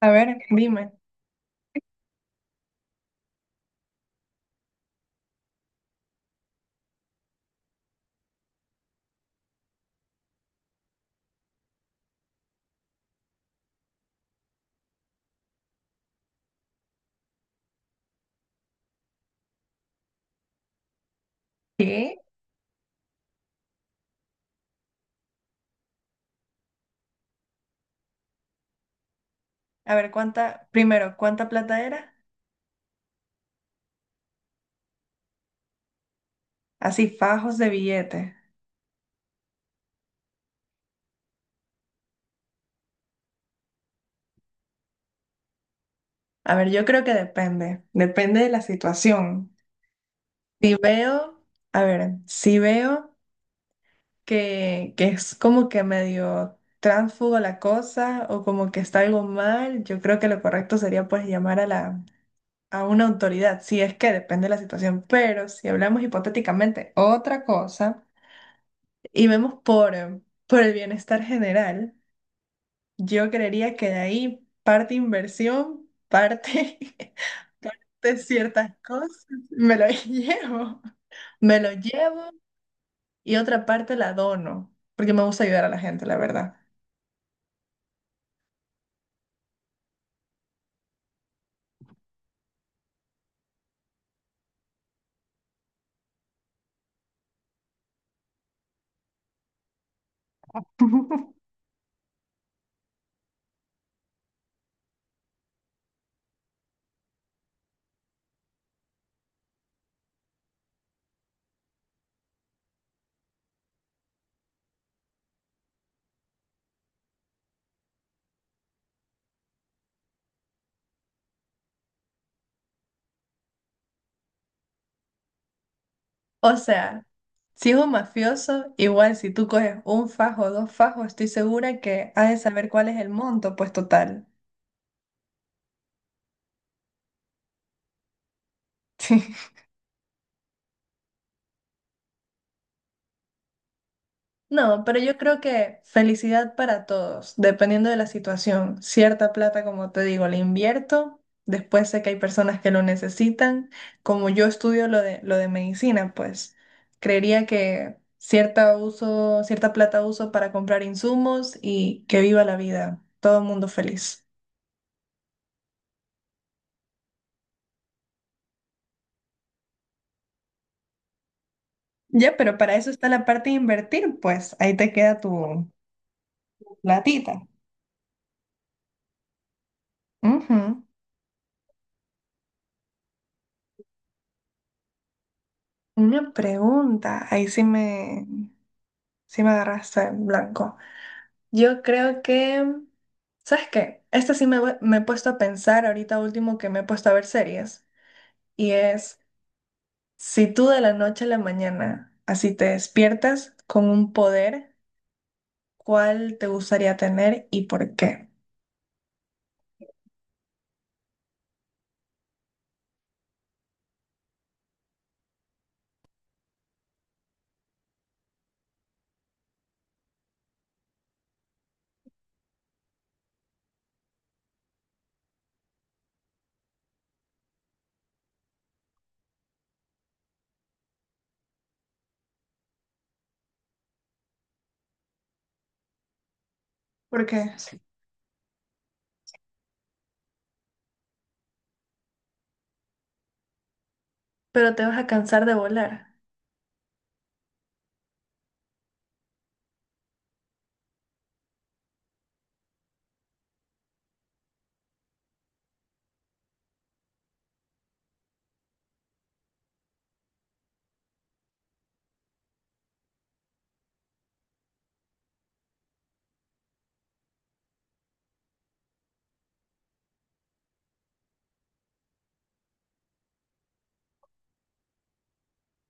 A ver, dime. ¿Qué? A ver, ¿cuánta, primero, cuánta plata era? Así, fajos de billete. A ver, yo creo que depende de la situación. Si veo, si veo que, es como que medio tránsfugo la cosa o como que está algo mal, yo creo que lo correcto sería pues llamar a a una autoridad, si es que depende de la situación. Pero si hablamos hipotéticamente otra cosa y vemos por el bienestar general. Yo creería que de ahí parte inversión, parte, parte ciertas cosas, me lo llevo, me lo llevo y otra parte la dono, porque me gusta ayudar a la gente, la verdad. O sea, si es un mafioso, igual si tú coges un fajo o dos fajos, estoy segura que has de saber cuál es el monto, pues total. No, pero yo creo que felicidad para todos, dependiendo de la situación. Cierta plata, como te digo, la invierto. Después sé que hay personas que lo necesitan. Como yo estudio lo de medicina, pues creería que cierta uso, cierta plata uso para comprar insumos y que viva la vida. Todo el mundo feliz. Ya, pero para eso está la parte de invertir, pues ahí te queda tu platita. Ujú. Una pregunta, sí me agarraste en blanco. Yo creo que... ¿Sabes qué? Esta sí me, voy- Me he puesto a pensar ahorita último que me he puesto a ver series. Y es, si tú de la noche a la mañana así te despiertas con un poder, ¿cuál te gustaría tener y por qué? ¿Por qué? Pero te vas a cansar de volar.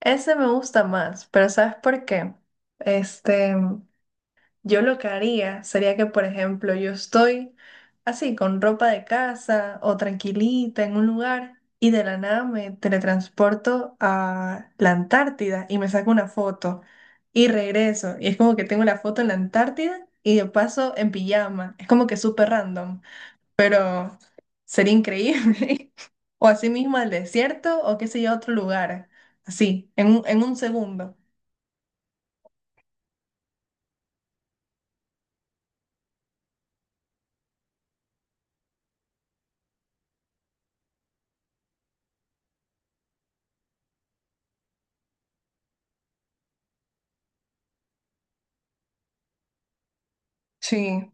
Ese me gusta más, pero ¿sabes por qué? Este... Yo lo que haría sería que, por ejemplo, yo estoy así con ropa de casa o tranquilita en un lugar y de la nada me teletransporto a la Antártida y me saco una foto y regreso. Y es como que tengo la foto en la Antártida y de paso en pijama. Es como que súper random, pero sería increíble. O así mismo al desierto o qué sé yo, a otro lugar. Así, en un segundo. Sí.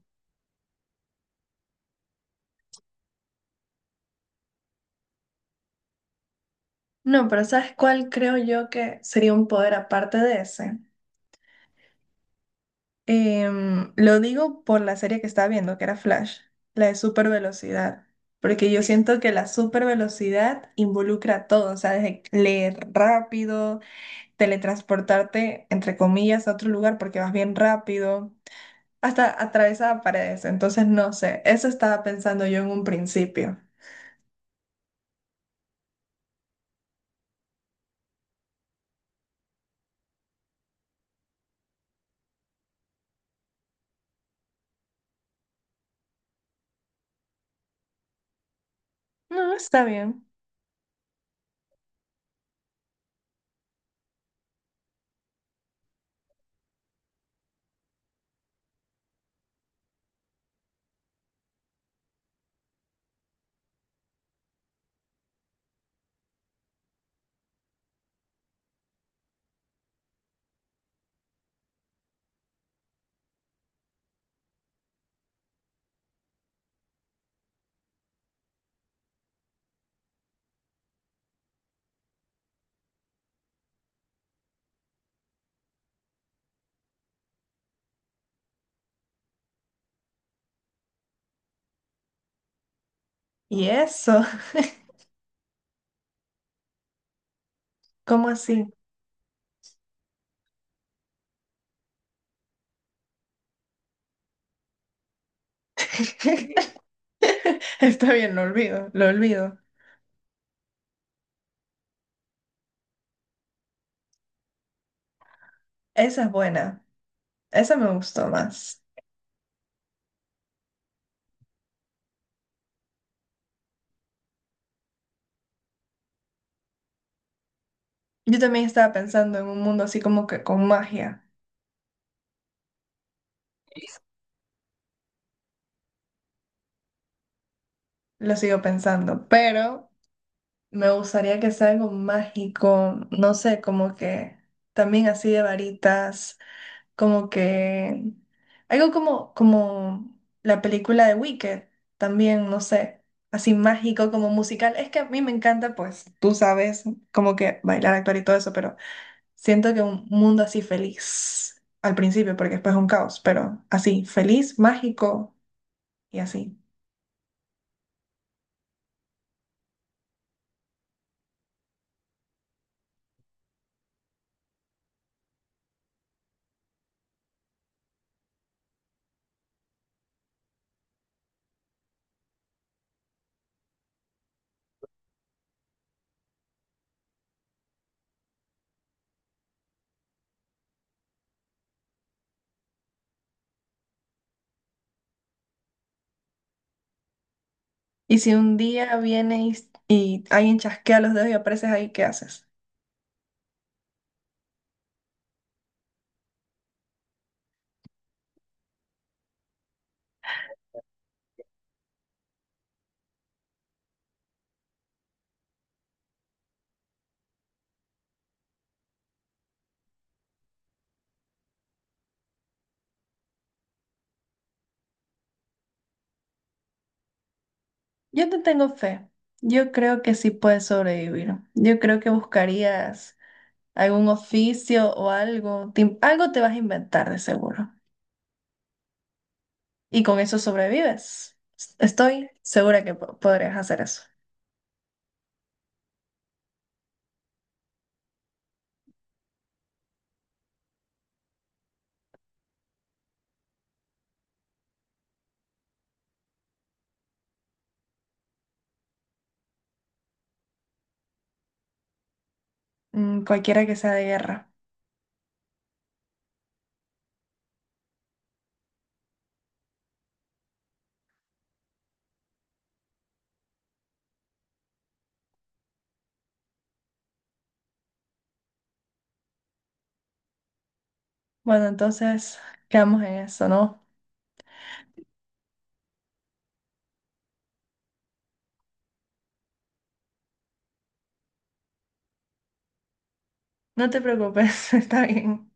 No, pero ¿sabes cuál creo yo que sería un poder aparte de ese? Lo digo por la serie que estaba viendo, que era Flash, la de super velocidad, porque yo siento que la super velocidad involucra todo, o sea, desde leer rápido, teletransportarte, entre comillas, a otro lugar porque vas bien rápido, hasta atravesar paredes, entonces no sé, eso estaba pensando yo en un principio. No, está bien. ¿Y eso? ¿Cómo así? Está bien, lo olvido, lo olvido. Esa es buena, esa me gustó más. Yo también estaba pensando en un mundo así como que con magia, lo sigo pensando, pero me gustaría que sea algo mágico, no sé, como que también así de varitas. Como que algo como la película de Wicked, también, no sé, así mágico como musical. Es que a mí me encanta, pues, tú sabes, como que bailar, actuar y todo eso, pero siento que un mundo así feliz al principio, porque después es un caos, pero así, feliz, mágico y así. Y si un día vienes alguien chasquea los dedos y apareces ahí, ¿qué haces? Yo te tengo fe. Yo creo que sí puedes sobrevivir. Yo creo que buscarías algún oficio o algo. Algo te vas a inventar de seguro. Y con eso sobrevives. Estoy segura que podrías hacer eso. Mm, cualquiera que sea de guerra. Bueno, entonces quedamos en eso, ¿no? No te preocupes, está bien.